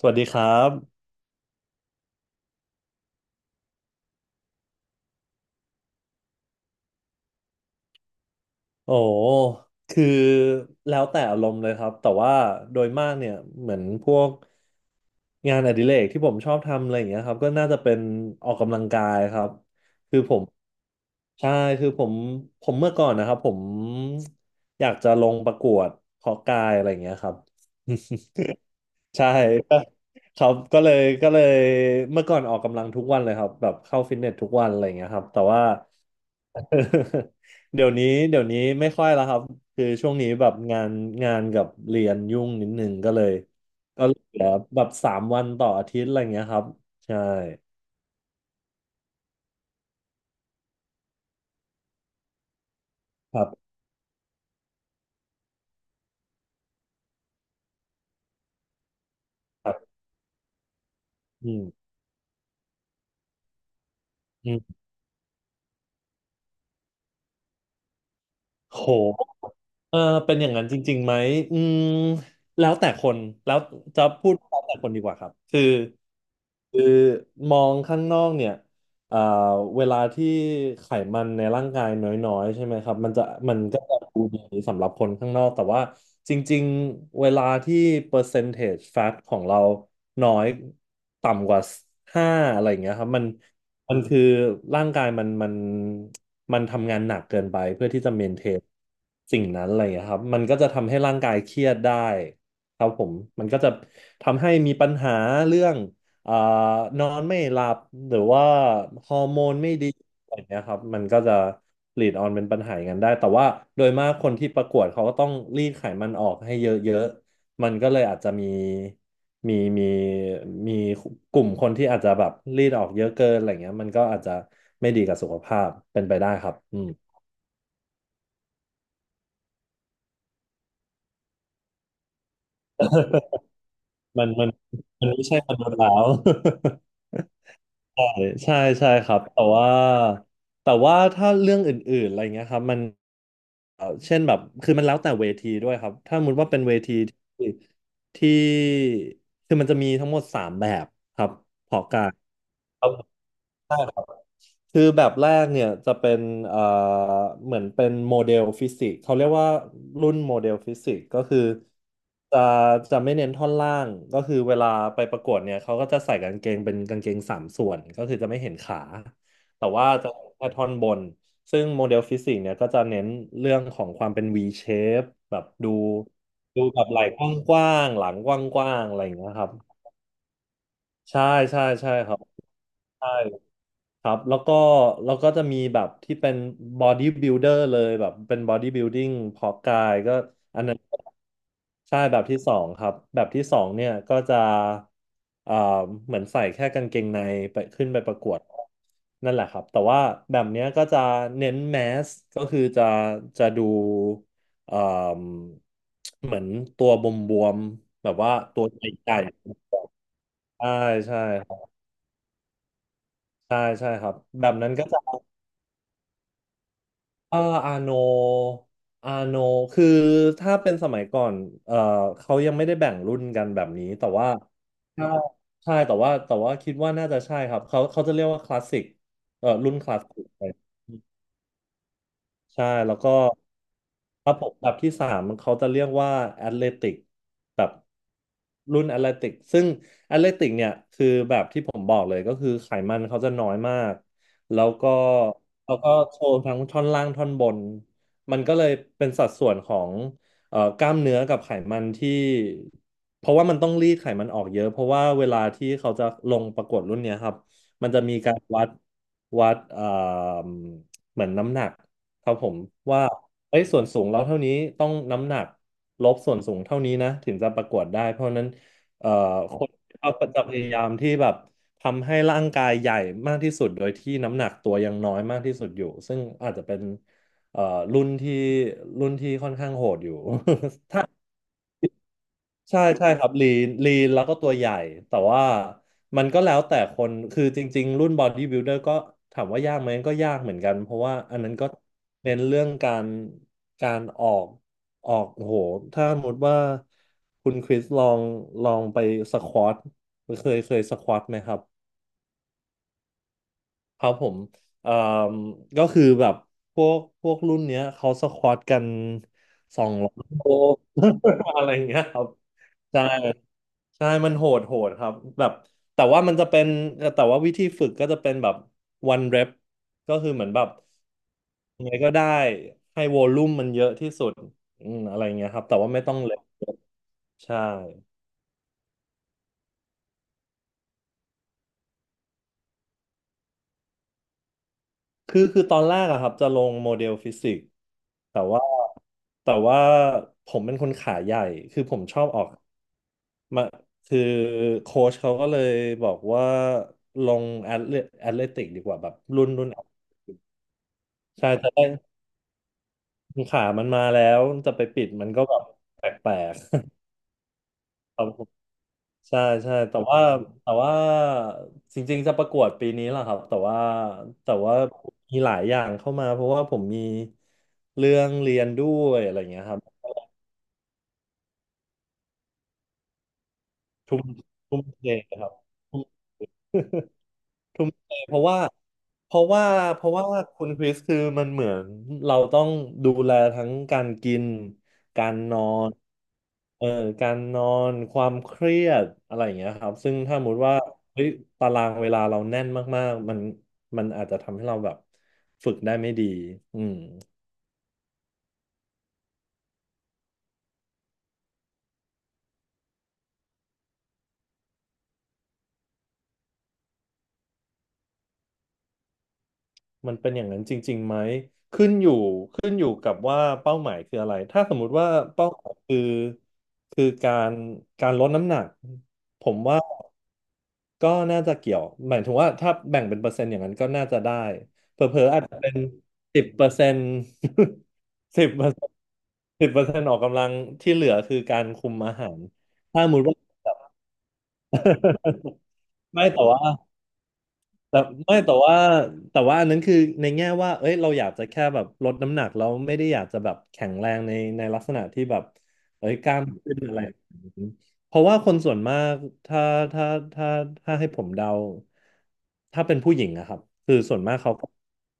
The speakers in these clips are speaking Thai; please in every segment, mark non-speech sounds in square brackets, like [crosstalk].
สวัสดีครับโอ้คือแล้วแต่อารมณ์เลยครับ แต่ว่าโดยมากเนี่ยเหมือนพวกงานอดิเรกที่ผมชอบทำอะไรอย่างเงี้ยครับก็น่าจะเป็นออกกำลังกายครับ คือผมใช่คือผมเมื่อก่อนนะครับผมอยากจะลงประกวดเพาะกายอะไรอย่างเงี้ยครับ ใช่ [laughs] ก็ครับก็เลยเมื่อก่อนออกกำลังทุกวันเลยครับแบบเข้าฟิตเนสทุกวันอะไรอย่างเงี้ยครับแต่ว่า [laughs] เดี๋ยวนี้ไม่ค่อยแล้วครับคือช่วงนี้แบบงานกับเรียนยุ่งนิดนึงก็เลยก็เหลือแบบสามวันต่ออาทิตย์อะไรอย่างเงี้ยครับใช่ครับครับอืมอืมโห เออเป็นอย่างนั้นจริงๆไหมอืมแล้วแต่คนแล้วจะพูดแล้วแต่คนดีกว่าครับคือคือมองข้างนอกเนี่ยเอ่อเวลาที่ไขมันในร่างกายน้อยๆใช่ไหมครับมันก็จะดูดีสำหรับคนข้างนอกแต่ว่าจริงๆเวลาที่เปอร์เซน g e fat ของเราน้อยต่ำกว่าห้าอะไรอย่างเงี้ยครับมัน มันคือร่างกายมันทำงานหนักเกินไปเพื่อที่จะเมนเทนสิ่งนั้นอะไรอย่างเงี้ยครับมันก็จะทำให้ร่างกายเครียดได้ครับผมมันก็จะทำให้มีปัญหาเรื่องเอ่อนอนไม่หลับหรือว่าฮอร์โมนไม่ดีอะไรอย่างเงี้ยครับมันก็จะลีดออนเป็นปัญหาอย่างนั้นได้แต่ว่าโดยมากคนที่ประกวดเขาก็ต้องรีดไขมันออกให้เยอะๆมันก็เลยอาจจะมี มีมีมีกลุ่มคนที่อาจจะแบบรีดออกเยอะเกินอะไรเงี้ยมันก็อาจจะไม่ดีกับสุขภาพเป็นไปได้ครับอืมมันมันมันไม่ใช่มนุษย์แล้ว [laughs] ใช่ใช่ใช่ครับแต่ว่าถ้าเรื่องอื่นๆอะไรเงี้ยครับมันเช่นแบบคือมันแล้วแต่เวทีด้วยครับถ้าสมมติว่าเป็นเวทีที่ที่คือมันจะมีทั้งหมดสามแบบครับเพาะกายครับ คือแบบแรกเนี่ยจะเป็นเอ่อเหมือนเป็นโมเดลฟิสิกส์เขาเรียกว่ารุ่นโมเดลฟิสิกส์ก็คือจะจะไม่เน้นท่อนล่างก็คือเวลาไปประกวดเนี่ยเขาก็จะใส่กางเกงเป็นกางเกงสามส่วนก็คือจะไม่เห็นขาแต่ว่าจะเห็นแค่ท่อนบนซึ่งโมเดลฟิสิกส์เนี่ยก็จะเน้นเรื่องของความเป็น V shape แบบดูแบบไหล่กว้างๆหลังกว้างๆอะไรอย่างเงี้ยครับใช่ใช่ใช่ครับใช่ ครับแล้วก็จะมีแบบที่เป็น body builder เลยแบบเป็น body building เพาะกายก็อันนั้นใช่แบบที่สองครับแบบที่สองเนี่ยก็จะเอ่อเหมือนใส่แค่กางเกงในไปขึ้นไปประกวดนั่นแหละครับแต่ว่าแบบเนี้ยก็จะเน้นแมสก็คือจะจะดูเอ่มเหมือนตัวบวมๆแบบว่าตัวใหญ่ๆใช่ใช่ครับใช่ใช่ครับแบบนั้นก็จะ เอออาโนอาโนคือถ้าเป็นสมัยก่อนเออเขายังไม่ได้แบ่งรุ่นกันแบบนี้แต่ว่าถ้าใช่แต่ว่าคิดว่าน่าจะใช่ครับเขาเขาจะเรียกว่าคลาสสิกเออรุ่นคลาสสิกไป ใช่แล้วก็ระบบแบบที่สามมันเขาจะเรียกว่าแอตเลติกแบบรุ่นแอตเลติกซึ่งแอตเลติกเนี่ยคือแบบที่ผมบอกเลยก็คือไขมันเขาจะน้อยมากแล้วก็แล้วก็โชว์ทั้งท่อนล่างท่อนบนมันก็เลยเป็นสัดส่วนของกล้ามเนื้อกับไขมันที่เพราะว่ามันต้องรีดไขมันออกเยอะเพราะว่าเวลาที่เขาจะลงประกวดรุ่นเนี้ยครับมันจะมีการวัดเหมือนน้ำหนัก ครับผมว่าเอ้ยส่วนสูงเราเท่านี้ต้องน้ำหนักลบส่วนสูงเท่านี้นะถึงจะประกวดได้ เพราะฉะนั้นเอ่อคนเขาก็จะพยายามที่แบบทำให้ร่างกายใหญ่มากที่สุดโดยที่น้ำหนักตัวยังน้อยมากที่สุดอยู่ซึ่งอาจจะเป็นเอ่อรุ่นที่รุ่นที่ค่อนข้างโหดอยู่ ใช่ใช่ครับลีนลีนแล้วก็ตัวใหญ่แต่ว่ามันก็แล้วแต่คนคือจริงๆรุ่นบอดี้บิ l เดอร์ก็ถามว่ายากไหมก็ยากเหมือนกันเพราะว่าอันนั้นก็เน้นเรื่องการออกโอ้โหถ้าสมมติว่าคุณคริสลองไปสควอตเคยสควอตไหมครับ ครับผมเอ่อก็คือแบบพวกรุ่นเนี้ยเขาสควอตกัน200โล [laughs] อะไรอย่างเงี้ยครับใช่ใช่มันโหดครับแบบแต่ว่ามันจะเป็นแต่ว่าวิธีฝึกก็จะเป็นแบบ one rep ก็คือเหมือนแบบยังไงก็ได้ให้วอลลุ่มมันเยอะที่สุดอะไรอย่างเงี้ยครับแต่ว่าไม่ต้องเล็กใช่คือตอนแรกอะครับจะลงโมเดลฟิสิกส์ แต่ว่าแต่ว่าผมเป็นคนขาใหญ่คือผมชอบออกมาคือโค้ชเขาก็เลยบอกว่าลงแอตเลติกดีกว่าแบบรุ่นใช่จะได้ขามันมาแล้วจะไปปิดมันก็แบบแปลกๆ [laughs] ครับผมใช่ใช่แต่ว่าจริงๆจะประกวดปีนี้แหละครับแต่ว่ามีหลายอย่างเข้ามาเพราะว่าผมมีเรื่องเรียนด้วยอะไรอย่างเงี้ยครับทุ่มทุ่มเทครับ [laughs] ทุ่มเทเพราะว่าเพราะว่าคุณคริสคือมันเหมือนเราต้องดูแลทั้งการกินการนอนเอ่อการนอนความเครียดอะไรอย่างเงี้ยครับซึ่งถ้าสมมติว่าเฮ้ยตารางเวลาเราแน่นมากๆมันอาจจะทำให้เราแบบฝึกได้ไม่ดีอืมมันเป็นอย่างนั้นจริงๆไหมขึ้นอยู่ขึ้นอยู่กับว่าเป้าหมายคืออะไรถ้าสมมุติว่าเป้าหมายคือการลดน้ำหนักผมว่า ก็น่าจะเกี่ยวหมายถึงว่าถ้าแบ่งเป็นเปอร์เซ็นต์อย่างนั้นก็น่าจะได้เป็นสิบเปอร์เซ็นต์ [laughs] สิบเปอร์เซ็นต์สิบเปอร์เซ็นต์ออกกำลังที่เหลือคือการคุมอาหารถ้าสมมติว่า [laughs] ไม่แต่ว่า แต่ไม่แต่ว่าแต่ว่าอันนั้นคือในแง่ว่าเอ้ยเราอยากจะแค่แบบลดน้ำหนักเราไม่ได้อยากจะแบบแข็งแรงในลักษณะที่แบบเอ้ยกล้ามขึ้นอะไรอย่างนี้เพราะว่าคนส่วนมากถ้าถ้าถ้าถ้าให้ผมเดาถ้าเป็นผู้หญิงนะครับคือส่วนมากเขาก็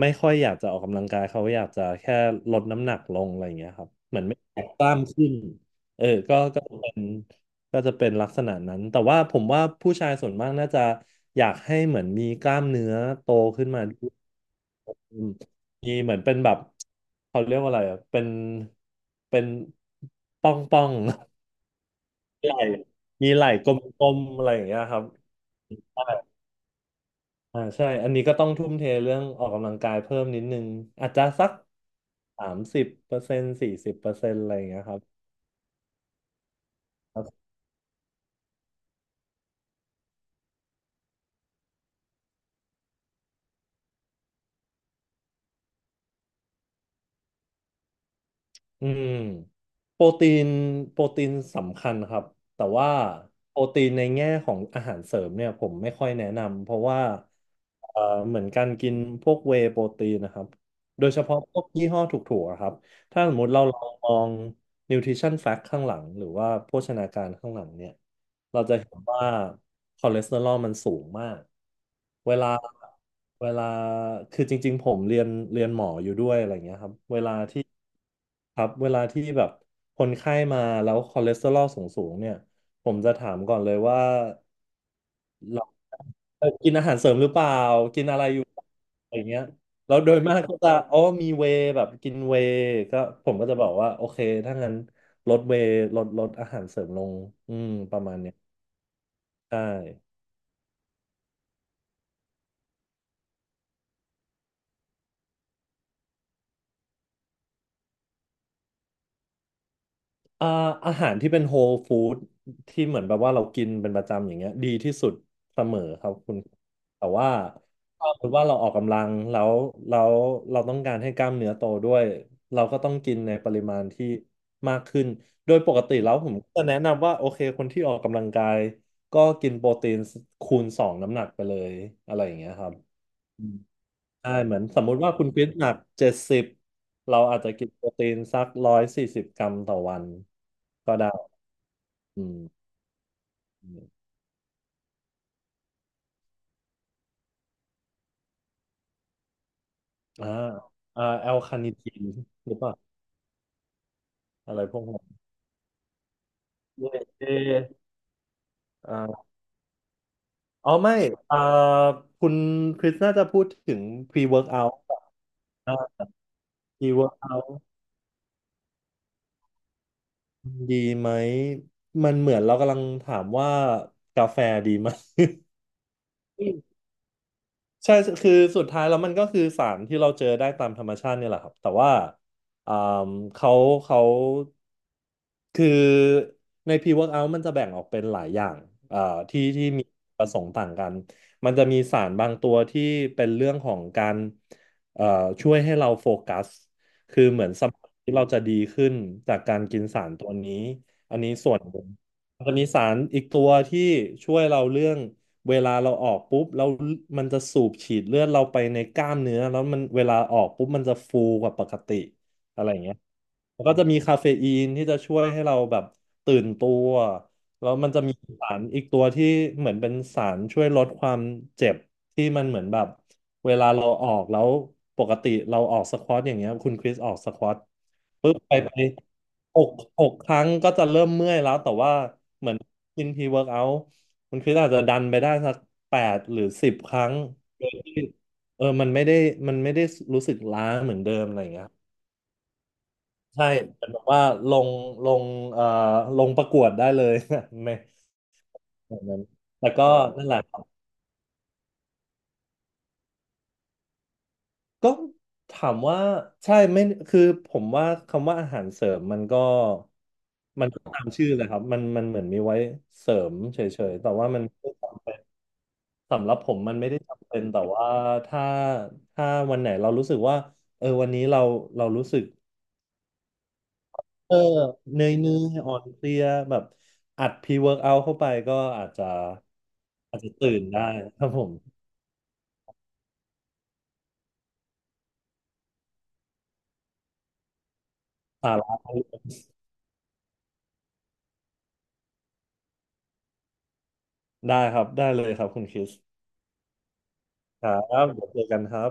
ไม่ค่อยอยากจะออกกำลังกายเขาอยากจะแค่ลดน้ำหนักลงอะไรอย่างเงี้ยครับเหมือนไม่อยากกล้ามขึ้นเอก็เป็น ก็จะเป็นลักษณะนั้น แต่ว่าผมว่าผู้ชายส่วนมากน่าจะอยากให้เหมือนมีกล้ามเนื้อโตขึ้นมาด้วยอืมมีเหมือนเป็นแบบเขาเรียกว่าอะไรอ่ะเป็นป้อง [laughs] ไหล่มีไหล่กลมๆอะไรอย่างเงี้ยครับใช่อ่าใช่อันนี้ก็ต้องทุ่มเทเรื่องออกกำลังกายเพิ่มนิดนึงอาจจะสักสามสิบเปอร์เซ็นต์สี่สิบเปอร์เซ็นต์อะไรอย่างเงี้ยครับ อืมโปรตีนโปรตีนสำคัญครับแต่ว่าโปรตีนในแง่ของอาหารเสริมเนี่ยผมไม่ค่อยแนะนำเพราะว่าเอ่อเหมือนการกินพวกเวย์โปรตีนนะครับโดยเฉพาะพวกยี่ห้อถูกๆอะครับถ้าสมมติเราลองมอง nutrition fact ข้างหลังหรือว่าโภชนาการข้างหลังเนี่ยเราจะเห็นว่าคอเลสเตอรอลมันสูงมากเวลาเวลาคือจริงๆผมเรียนหมออยู่ด้วยอะไรเงี้ยครับ ครับเวลาที่แบบคนไข้มาแล้วคอเลสเตอรอลสูงๆเนี่ยผมจะถามก่อนเลยว่าเราเออกินอาหารเสริมหรือเปล่ากินอะไรอยู่อะไรเงี้ยแล้วโดยมากก็จะอ๋อมีเวย์แบบกินเวย์ก็ผมก็จะบอกว่าโอเคถ้างั้นลดเวย์ลดอาหารเสริมลงอืมประมาณเนี้ยใช่ อ่าอาหารที่เป็นโฮลฟู้ดที่เหมือนแบบว่าเรากินเป็นประจำอย่างเงี้ยดีที่สุดเสมอครับคุณแต่ว่าถ้าสมมติว่าเราออกกำลังแล้วแล้วเราต้องการให้กล้ามเนื้อโตด้วยเราก็ต้องกินในปริมาณที่มากขึ้นโดยปกติแล้วผมก็จะแนะนำว่าโอเคคนที่ออกกำลังกายก็กินโปรตีนคูณสองน้ำหนักไปเลยอะไรอย่างเงี้ยครับ ใช่เหมือนสมมุติว่าคุณคริสหนักเจ็ดสิบเราอาจจะกินโปรตีนสักร้อยสี่สิบกรัมต่อวันก็ได้ อืมอมอ่าอ่าแอลคานิทีนหรือเปล่าอะไรพวกนั้นยูเอชเออ่าอ๋อไม่อ่าคุณคริสน่าจะพูดถึง pre-workout อ่า pre-workout ดีไหมมันเหมือนเรากำลังถามว่ากาแฟดีไหม ใช่คือสุดท้ายแล้วมันก็คือสารที่เราเจอได้ตามธรรมชาติเนี่ยแหละครับแต่ว่าอ่าเขาเขาคือใน pre-workout มันจะแบ่งออกเป็นหลายอย่างอ่าที่มีประสงค์ต่างกันมันจะมีสารบางตัวที่เป็นเรื่องของการเอ่อช่วยให้เราโฟกัสคือเหมือนสมองที่เราจะดีขึ้นจากการกินสารตัวนี้อันนี้ส่วนหนึ่งมันจะมีสารอีกตัวที่ช่วยเราเรื่อง เวลาเราออกปุ๊บแล้วมันจะสูบฉีดเลือดเราไปในกล้ามเนื้อแล้วมันเวลาออกปุ๊บมันจะฟูกว่าปกติอะไรอย่างเงี้ยแล้วก็จะมีคาเฟอีนที่จะช่วยให้เราแบบตื่นตัวแล้วมันจะมีสารอีกตัวที่เหมือนเป็นสารช่วยลดความเจ็บที่มันเหมือนแบบเวลาเราออกแล้วปกติเราออกสควอตอย่างเงี้ยคุณคริสออกสควอตปุ๊บไปหกหกครั้งก็จะเริ่มเมื่อยแล้วแต่ว่า กินพรีเวิร์กเอาท์คุณคริสอาจจะดันไปได้สักแปดหรือสิบครั้งโดยที่เออมันไม่ได้รู้สึกล้าเหมือนเดิมอะไรอย่างเงี้ยใช่เป็นแบบว่าลงลงเอ่อลงประกวดได้เลย [laughs] ไม่แบบนั้นแต่ก็นั่นแหละครับก็ถามว่าใช่ไม่คือผมว่าคำว่าอาหารเสริมมันก็ตามชื่อเลยครับมันเหมือนมีไว้เสริมเฉยๆแต่ว่ามัน สำหรับผมมันไม่ได้จำเป็นแต่ว่าถ้าถ้าวันไหนเรารู้สึกว่าเออวันนี้เรารู้สึกเออเหนื่อยเนื่อยอ่อนเพลียแบบอัดพรีเวิร์กเอาเข้าไปก็อาจจะอาจจะตื่นได้ครับผมสาระได้ครับได้เลยครับคุณคริสครับเดี๋ยวเจอกันครับ